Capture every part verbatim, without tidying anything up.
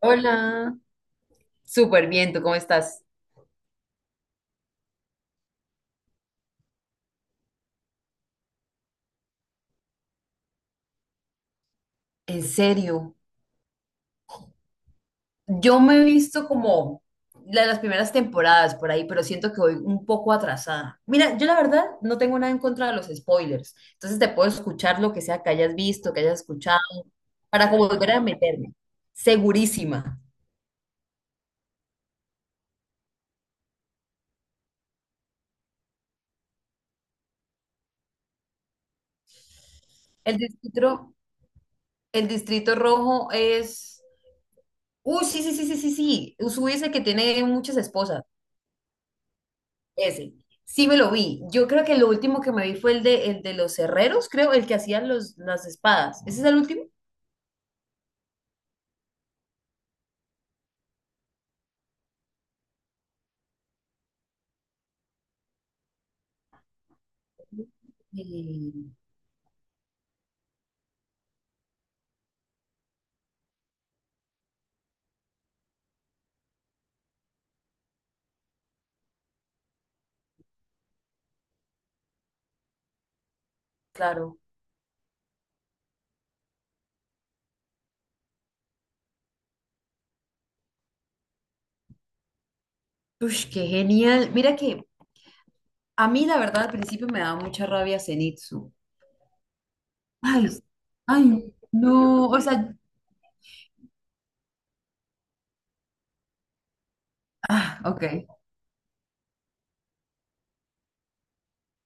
Hola, súper bien, ¿tú cómo estás? ¿En serio? Yo me he visto como la de las primeras temporadas por ahí, pero siento que voy un poco atrasada. Mira, yo la verdad no tengo nada en contra de los spoilers, entonces te puedo escuchar lo que sea que hayas visto, que hayas escuchado, para como volver a meterme. Segurísima. El distrito, el distrito rojo es... Uy, sí, sí, sí, sí, sí, sí. Usui es el que tiene muchas esposas. Ese. Sí me lo vi. Yo creo que lo último que me vi fue el de, el de los herreros, creo, el que hacían los, las espadas. ¿Ese es el último? Y, claro. Ush, qué genial. Mira que a mí la verdad al principio me daba mucha rabia Zenitsu. Ay, ay, no. O sea, ah, ok.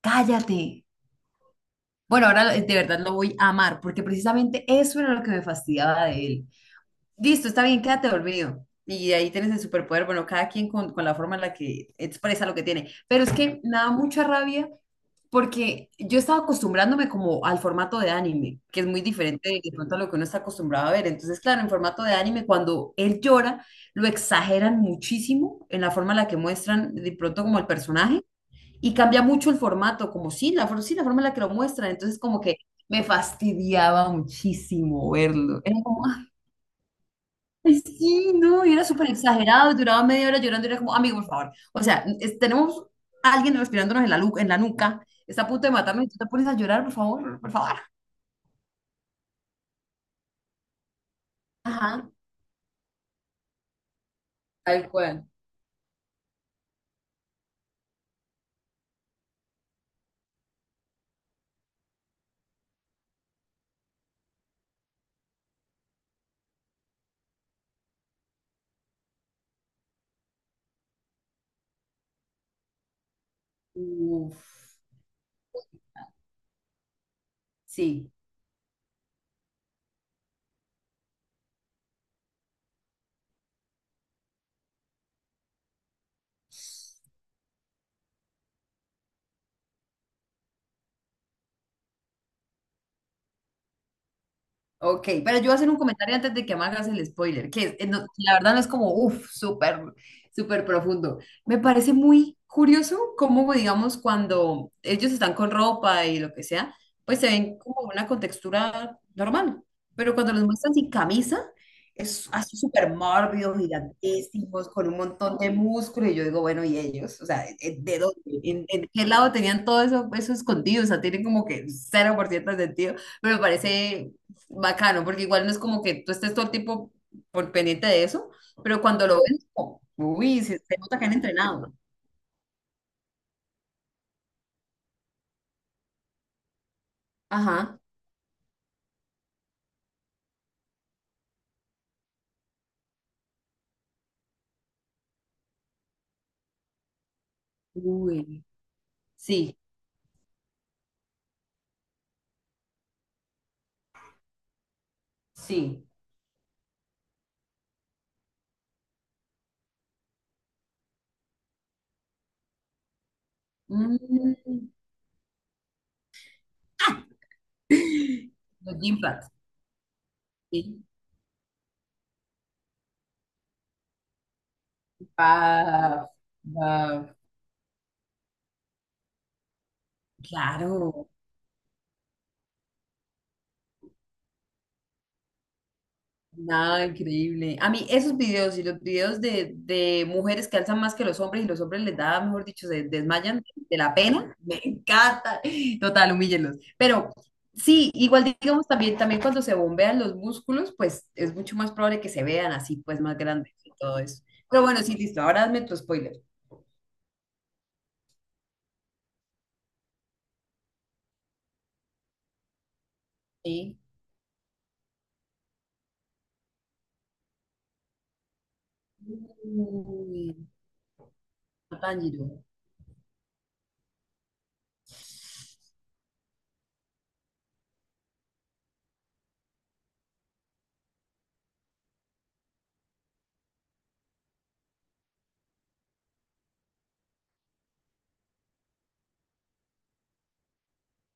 Cállate. Bueno, ahora de verdad lo voy a amar, porque precisamente eso era lo que me fastidiaba de él. Listo, está bien, quédate dormido. Y ahí tienes el superpoder, bueno, cada quien con, con la forma en la que expresa lo que tiene. Pero es que me da mucha rabia porque yo estaba acostumbrándome como al formato de anime, que es muy diferente de pronto a lo que uno está acostumbrado a ver. Entonces, claro, en formato de anime, cuando él llora, lo exageran muchísimo en la forma en la que muestran de pronto como el personaje y cambia mucho el formato, como sí, la, for- sí, la forma en la que lo muestran. Entonces, como que me fastidiaba muchísimo verlo. Era como, ay, sí, no, y era súper exagerado, y duraba media hora llorando, y era como, amigo, por favor. O sea, es- tenemos a alguien respirándonos en la, lu- en la nuca, está a punto de matarnos, y tú te pones a llorar, por favor, por favor. Ajá, tal cual. Uf, sí. Ok, pero yo voy a hacer un comentario antes de que me hagas el spoiler, que es- eh, no- la verdad no es como, uff, súper, súper profundo. Me parece muy curioso cómo, digamos, cuando ellos están con ropa y lo que sea, pues se ven como una contextura normal, pero cuando los muestran sin camisa, es así súper mórbidos, gigantísimos, con un montón de músculo, y yo digo, bueno, ¿y ellos? O sea, eh, ¿de dónde? ¿En, en qué lado tenían todo eso, eso escondido? O sea, tienen como que cero por ciento de sentido, pero me parece bacano, porque igual no es como que tú estés todo el tiempo por pendiente de eso, pero cuando lo ven como, uy, se, se nota que han entrenado. Ajá. Uy, sí, sí. Mm, los gym pads, sí. Paf, paf, claro. Nada, increíble. A mí esos videos y los videos de, de mujeres que alzan más que los hombres y los hombres les da, mejor dicho, se desmayan de la pena, me encanta. Total, humíllenlos. Pero sí, igual digamos también, también cuando se bombean los músculos, pues es mucho más probable que se vean así, pues más grandes y todo eso. Pero bueno, sí, listo, ahora hazme tu spoiler. Sí. Uy, Tanjiro.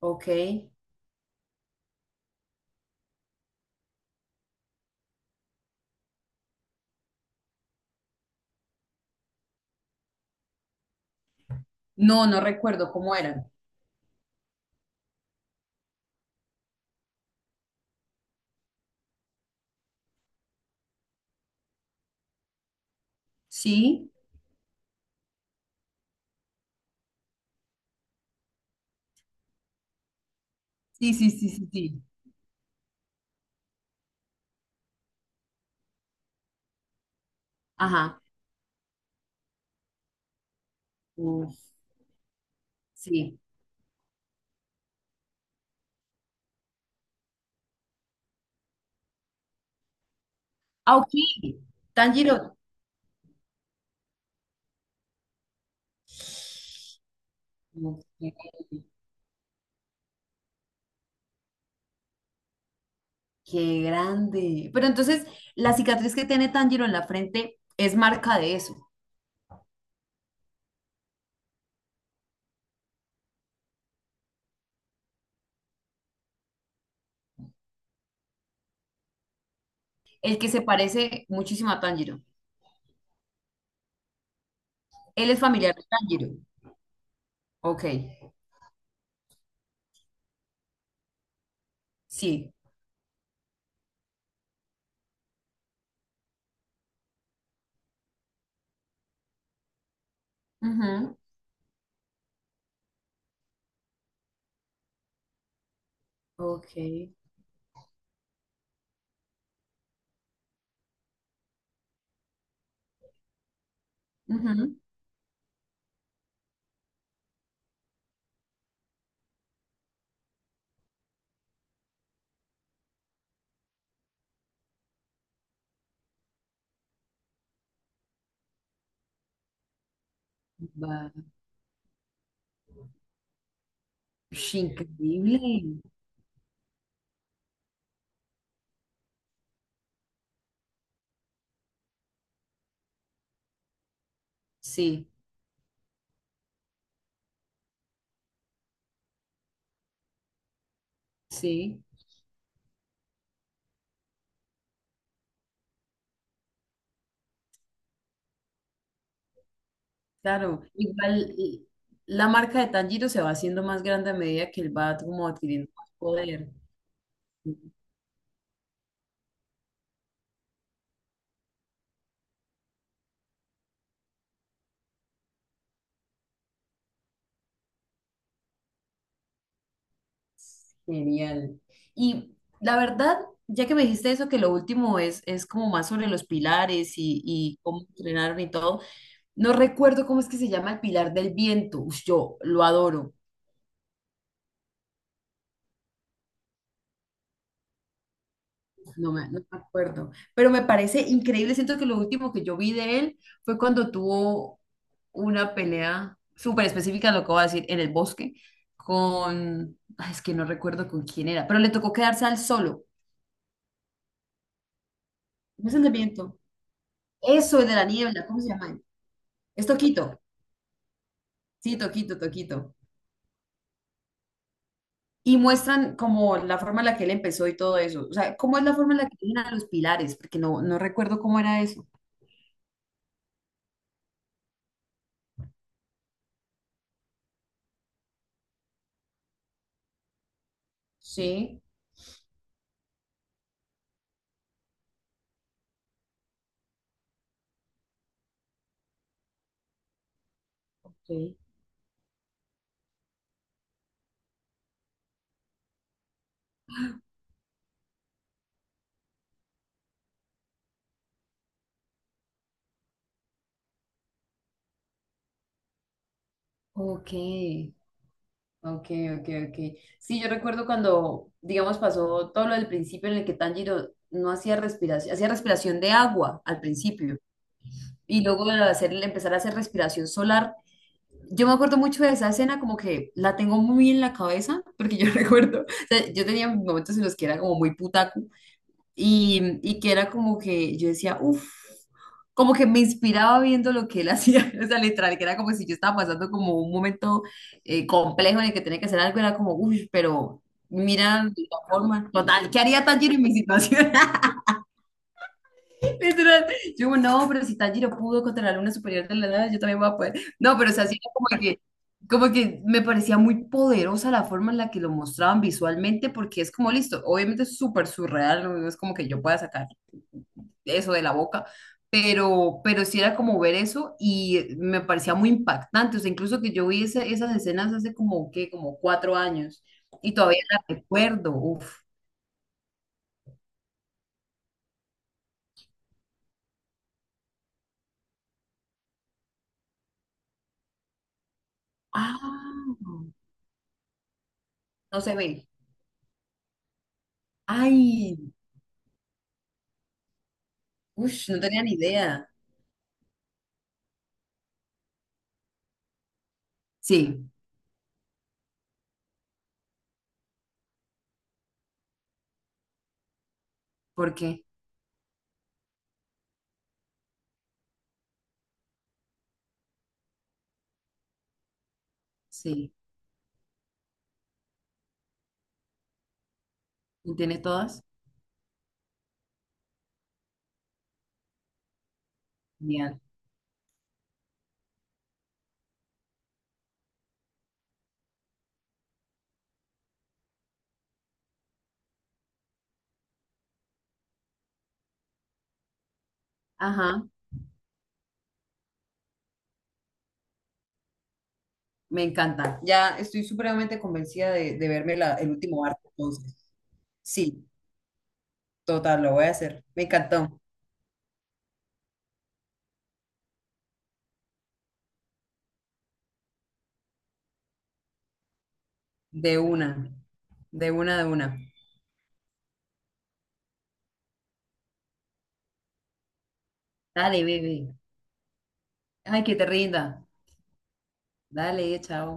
Ok. No, no recuerdo cómo eran. Sí, sí, sí, sí, sí, sí. Ajá. Uf. Sí. Ah, ok. Tanjiro. Ok. Qué grande. Pero entonces, la cicatriz que tiene Tanjiro en la frente es marca de eso. El que se parece muchísimo a Tanjiro. Él es familiar de Tanjiro. Ok. Sí. Ujú. Ok. Ujú. Va. Ush, increíble. Sí, sí. Claro. Igual y- la marca de Tanjiro se va haciendo más grande a medida que él va como adquiriendo más poder. Genial. Y la verdad, ya que me dijiste eso, que lo último es, es como más sobre los pilares y, y cómo entrenaron y todo, no recuerdo cómo es que se llama el pilar del viento. Ush, yo lo adoro, no me, no me acuerdo, pero me parece increíble. Siento que lo último que yo vi de él fue cuando tuvo una pelea súper específica, lo que voy a decir, en el bosque, con, ay, es que no recuerdo con quién era, pero le tocó quedarse al solo. ¿Cómo es el del viento? Eso, el de la niebla, ¿cómo se llama? Es Toquito, sí, Toquito, Toquito. Y muestran como la forma en la que él empezó y todo eso. O sea, ¿cómo es la forma en la que tienen a los pilares? Porque no, no recuerdo cómo era eso. Sí, ok. Ok, ok, ok, ok. Sí, yo recuerdo cuando, digamos, pasó todo lo del principio en el que Tanjiro no hacía respiración, hacía respiración de agua al principio. Y luego de hacer, empezar a hacer respiración solar, yo me acuerdo mucho de esa escena, como que la tengo muy en la cabeza, porque yo recuerdo, o sea, yo tenía momentos en los que era como muy putaku y, y que era como que yo decía, uff, como que me inspiraba viendo lo que él hacía, o sea, literal, que era como si yo estaba pasando como un momento eh, complejo en el que tenía que hacer algo, era como, uff, pero mira la forma, total, ¿qué haría Tanjiro en mi situación? Literal. Yo, no, pero si Tanjiro pudo contra la luna superior de la nada, yo también voy a poder. No, pero o sea, sí, era como que, como que me parecía muy poderosa la forma en la que lo mostraban visualmente, porque es como listo, obviamente es súper surreal, no No es como que yo pueda sacar eso de la boca, pero, pero sí era como ver eso y me parecía muy impactante, o sea, incluso que yo vi esa- esas escenas hace como, qué, como cuatro años y todavía las recuerdo, uf. Ah, no se ve. Ay, ush, no tenía ni idea. Sí, porque sí. ¿Y tiene todas? Genial. Ajá, me encanta. Ya estoy supremamente convencida de, de, verme la- el último arte, entonces. Sí, total, lo voy a hacer. Me encantó. De una, de una, de una. Dale, bebé. Ay, que te rinda. Dale, chao.